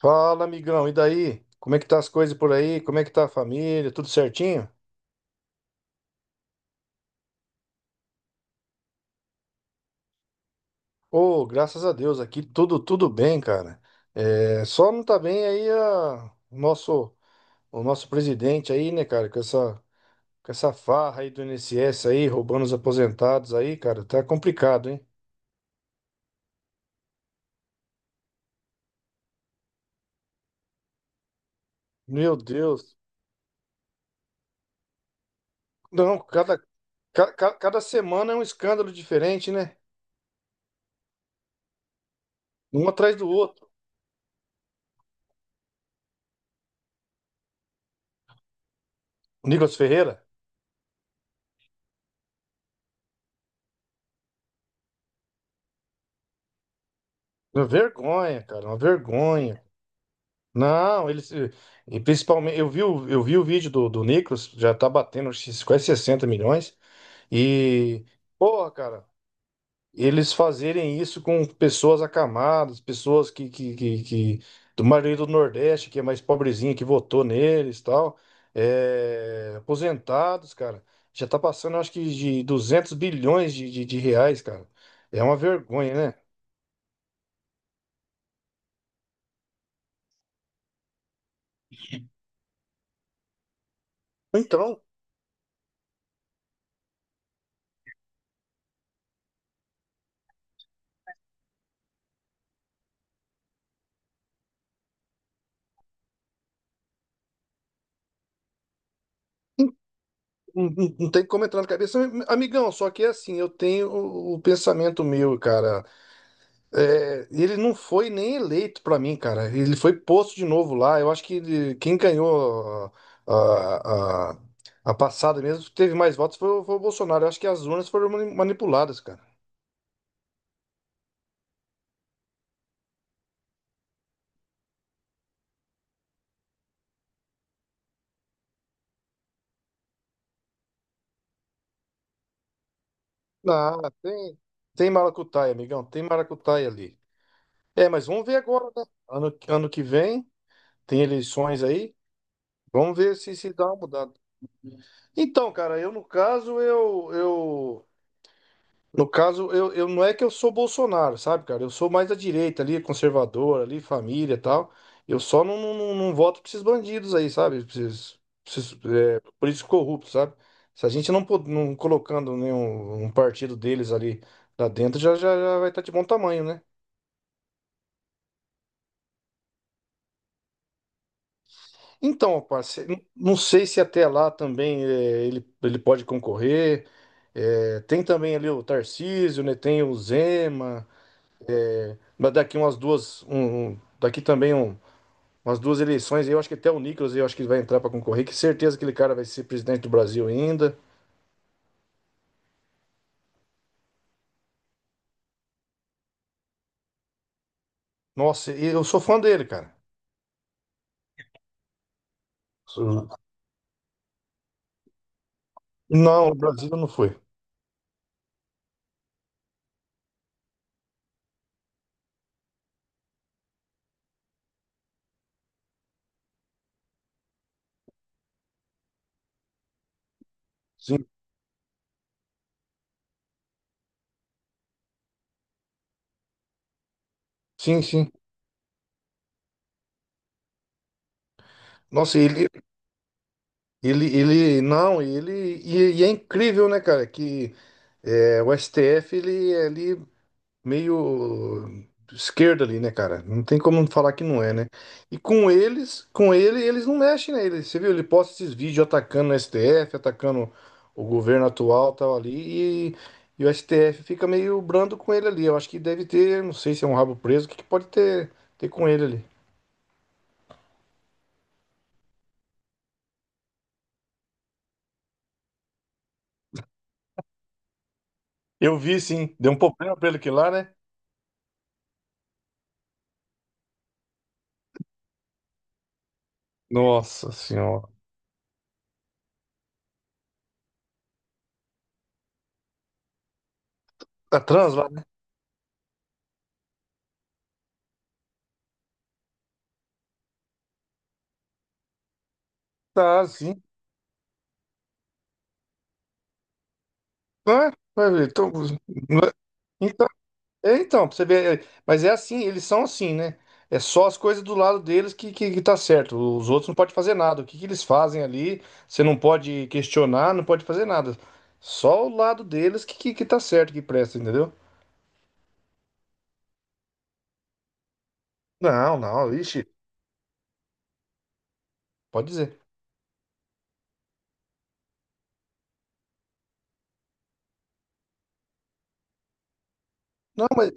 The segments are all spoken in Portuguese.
Fala, amigão, e daí? Como é que tá as coisas por aí? Como é que tá a família? Tudo certinho? Ô, graças a Deus, aqui tudo bem, cara. É, só não tá bem aí o nosso presidente aí, né, cara, com essa farra aí do INSS aí, roubando os aposentados aí, cara, tá complicado, hein? Meu Deus. Não, cada semana é um escândalo diferente, né? Um atrás do outro. Nicolas Ferreira. Uma vergonha, cara, uma vergonha. Não, eles. E principalmente, eu vi, eu vi o vídeo do Nicolas, já tá batendo acho que quase 60 milhões. E, porra, cara, eles fazerem isso com pessoas acamadas, pessoas do maioria do Nordeste, que é mais pobrezinha, que votou neles e tal. É, aposentados, cara. Já tá passando, acho que, de 200 bilhões de reais, cara. É uma vergonha, né? Então. Não, não tem como entrar na cabeça, amigão. Só que é assim, eu tenho o pensamento meu, cara. É, ele não foi nem eleito pra mim, cara. Ele foi posto de novo lá. Eu acho que quem ganhou a, a, a- a passada mesmo, teve mais votos, foi o Bolsonaro. Eu acho que as urnas foram manipuladas, cara. Ah, tem, tem maracutaia, amigão. Tem maracutaia ali. É, mas vamos ver agora, né? Ano que vem, tem eleições aí. Vamos ver se dá uma mudada. Então, cara, eu no caso, eu no caso, eu não é que eu sou Bolsonaro, sabe, cara? Eu sou mais da direita ali, conservador ali, família e tal. Eu só não voto pra esses bandidos aí, sabe? Pra esses, políticos corruptos, sabe? Se a gente não, não colocando nenhum um partido deles ali lá dentro, já vai estar de bom tamanho, né? Então, rapaz, não sei se até lá também ele pode concorrer. É, tem também ali o Tarcísio, né? Tem o Zema. Mas daqui umas duas, um- daqui também um, umas duas eleições, eu acho que até o Nicolas, eu acho que ele vai entrar para concorrer, que certeza que aquele cara vai ser presidente do Brasil ainda. Nossa, e eu sou fã dele, cara. Sou- Não, o Brasil não foi. Sim, sim, sim. Nossa, não, ele, e é incrível, né, cara, que o STF, ele meio esquerda ali, né, cara? Não tem como falar que não é, né? E com eles, com ele, eles não mexem nele. Você viu? Ele posta esses vídeos atacando o STF, atacando o governo atual, tal ali, e o STF fica meio brando com ele ali. Eu acho que deve ter, não sei se é um rabo preso, o que que pode ter com ele ali. Eu vi, sim. Deu um problema pra ele aqui lá, né? Nossa senhora. Tá trans lá, né? Tá, sim. Ah, vai ver. Então. É, então, pra você ver, mas é assim, eles são assim, né? É só as coisas do lado deles que tá certo. Os outros não podem fazer nada. O que que eles fazem ali, você não pode questionar, não pode fazer nada. Só o lado deles que tá certo, que presta, entendeu? Não, não, ixi, pode dizer. Não, mas,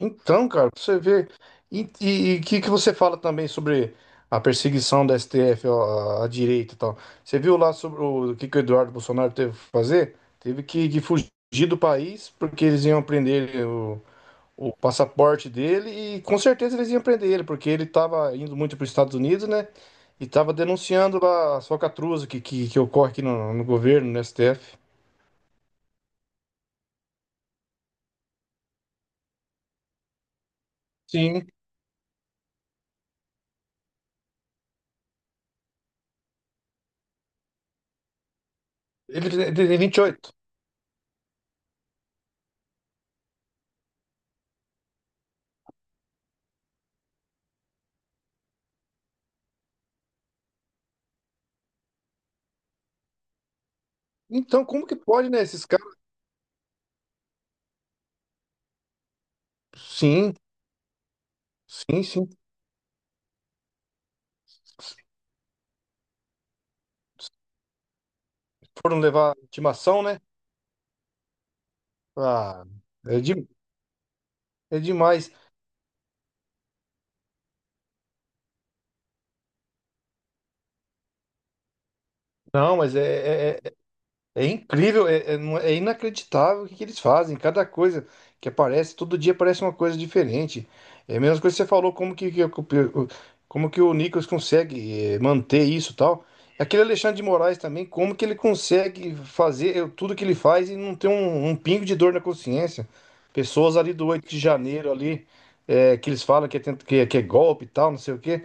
então, cara, pra você ver. E o que que você fala também sobre a perseguição da STF ó, à direita e tal? Você viu lá sobre que o Eduardo Bolsonaro teve que fazer? Teve que fugir do país porque eles iam prender o passaporte dele e com certeza eles iam prender ele, porque ele estava indo muito para os Estados Unidos, né? E estava denunciando lá as falcatruas que ocorre aqui no governo, no STF. Sim, ele tem 28. Então, como que pode, né? Esses caras. Sim, sim, sim. Se for levar a intimação, né? Ah, é, de, é demais. Não, mas é incrível, é inacreditável o que que eles fazem. Cada coisa que aparece, todo dia aparece uma coisa diferente. É a mesma coisa que você falou, como que o Nicolas consegue manter isso e tal. Aquele Alexandre de Moraes também, como que ele consegue fazer tudo que ele faz e não ter um pingo de dor na consciência. Pessoas ali do 8 de janeiro ali, que eles falam que é, tenta- que é golpe e tal, não sei o quê.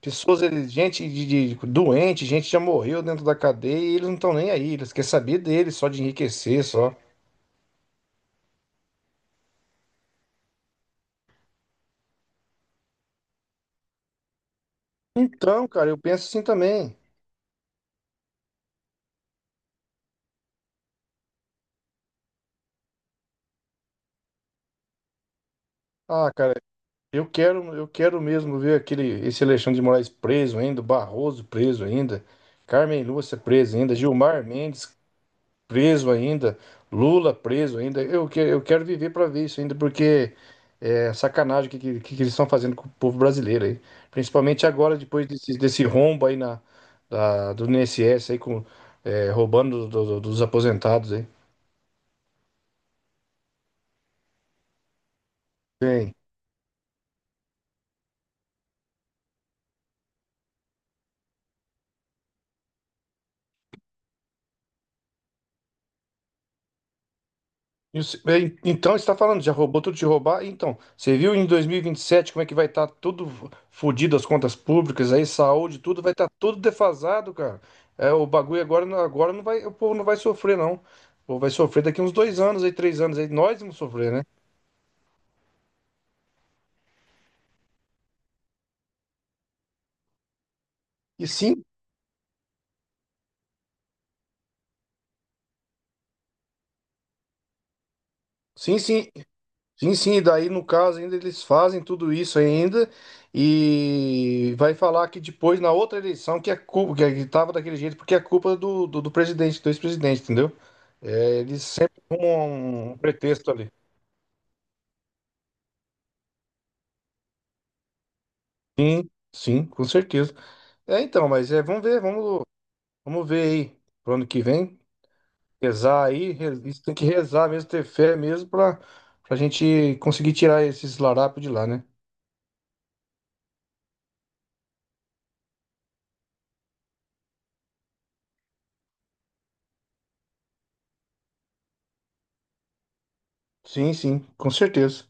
Gente doente, gente já morreu dentro da cadeia e eles não estão nem aí, eles querem saber deles, só de enriquecer, só. Então, cara, eu penso assim também. Ah, cara, eu quero mesmo ver aquele, esse Alexandre de Moraes preso ainda, o Barroso preso ainda, Carmen Lúcia preso ainda, Gilmar Mendes, preso ainda, Lula preso ainda. Eu quero viver para ver isso ainda, porque é sacanagem o que eles estão fazendo com o povo brasileiro aí. Principalmente agora, depois desse rombo aí do INSS aí, roubando dos aposentados aí. Tem. Então, você está falando, já roubou tudo de roubar? Então, você viu em dois mil e vinte e sete como é que vai estar tudo fodido, as contas públicas, aí saúde, tudo vai estar tudo defasado, cara. É, o bagulho agora, agora não vai, o povo não vai sofrer, não. O povo vai sofrer daqui uns 2 anos, aí 3 anos, aí nós vamos sofrer, né? E sim, sim, sim. Sim, sim, daí no caso ainda eles fazem tudo isso ainda e vai falar que depois na outra eleição que a culpa que estava daquele jeito porque é culpa do presidente, do ex-presidente, entendeu? É, eles sempre arrumam um pretexto ali. Sim, sim, com certeza. É então, mas vamos ver, vamos ver aí pro ano que vem, rezar aí, isso tem que rezar mesmo, ter fé mesmo para a gente conseguir tirar esses larápios de lá, né? Sim, sim, com certeza.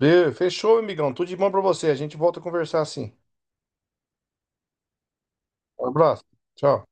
Be, Fechou, amigão. Tudo de bom pra você. A gente volta a conversar assim. Um abraço. Tchau.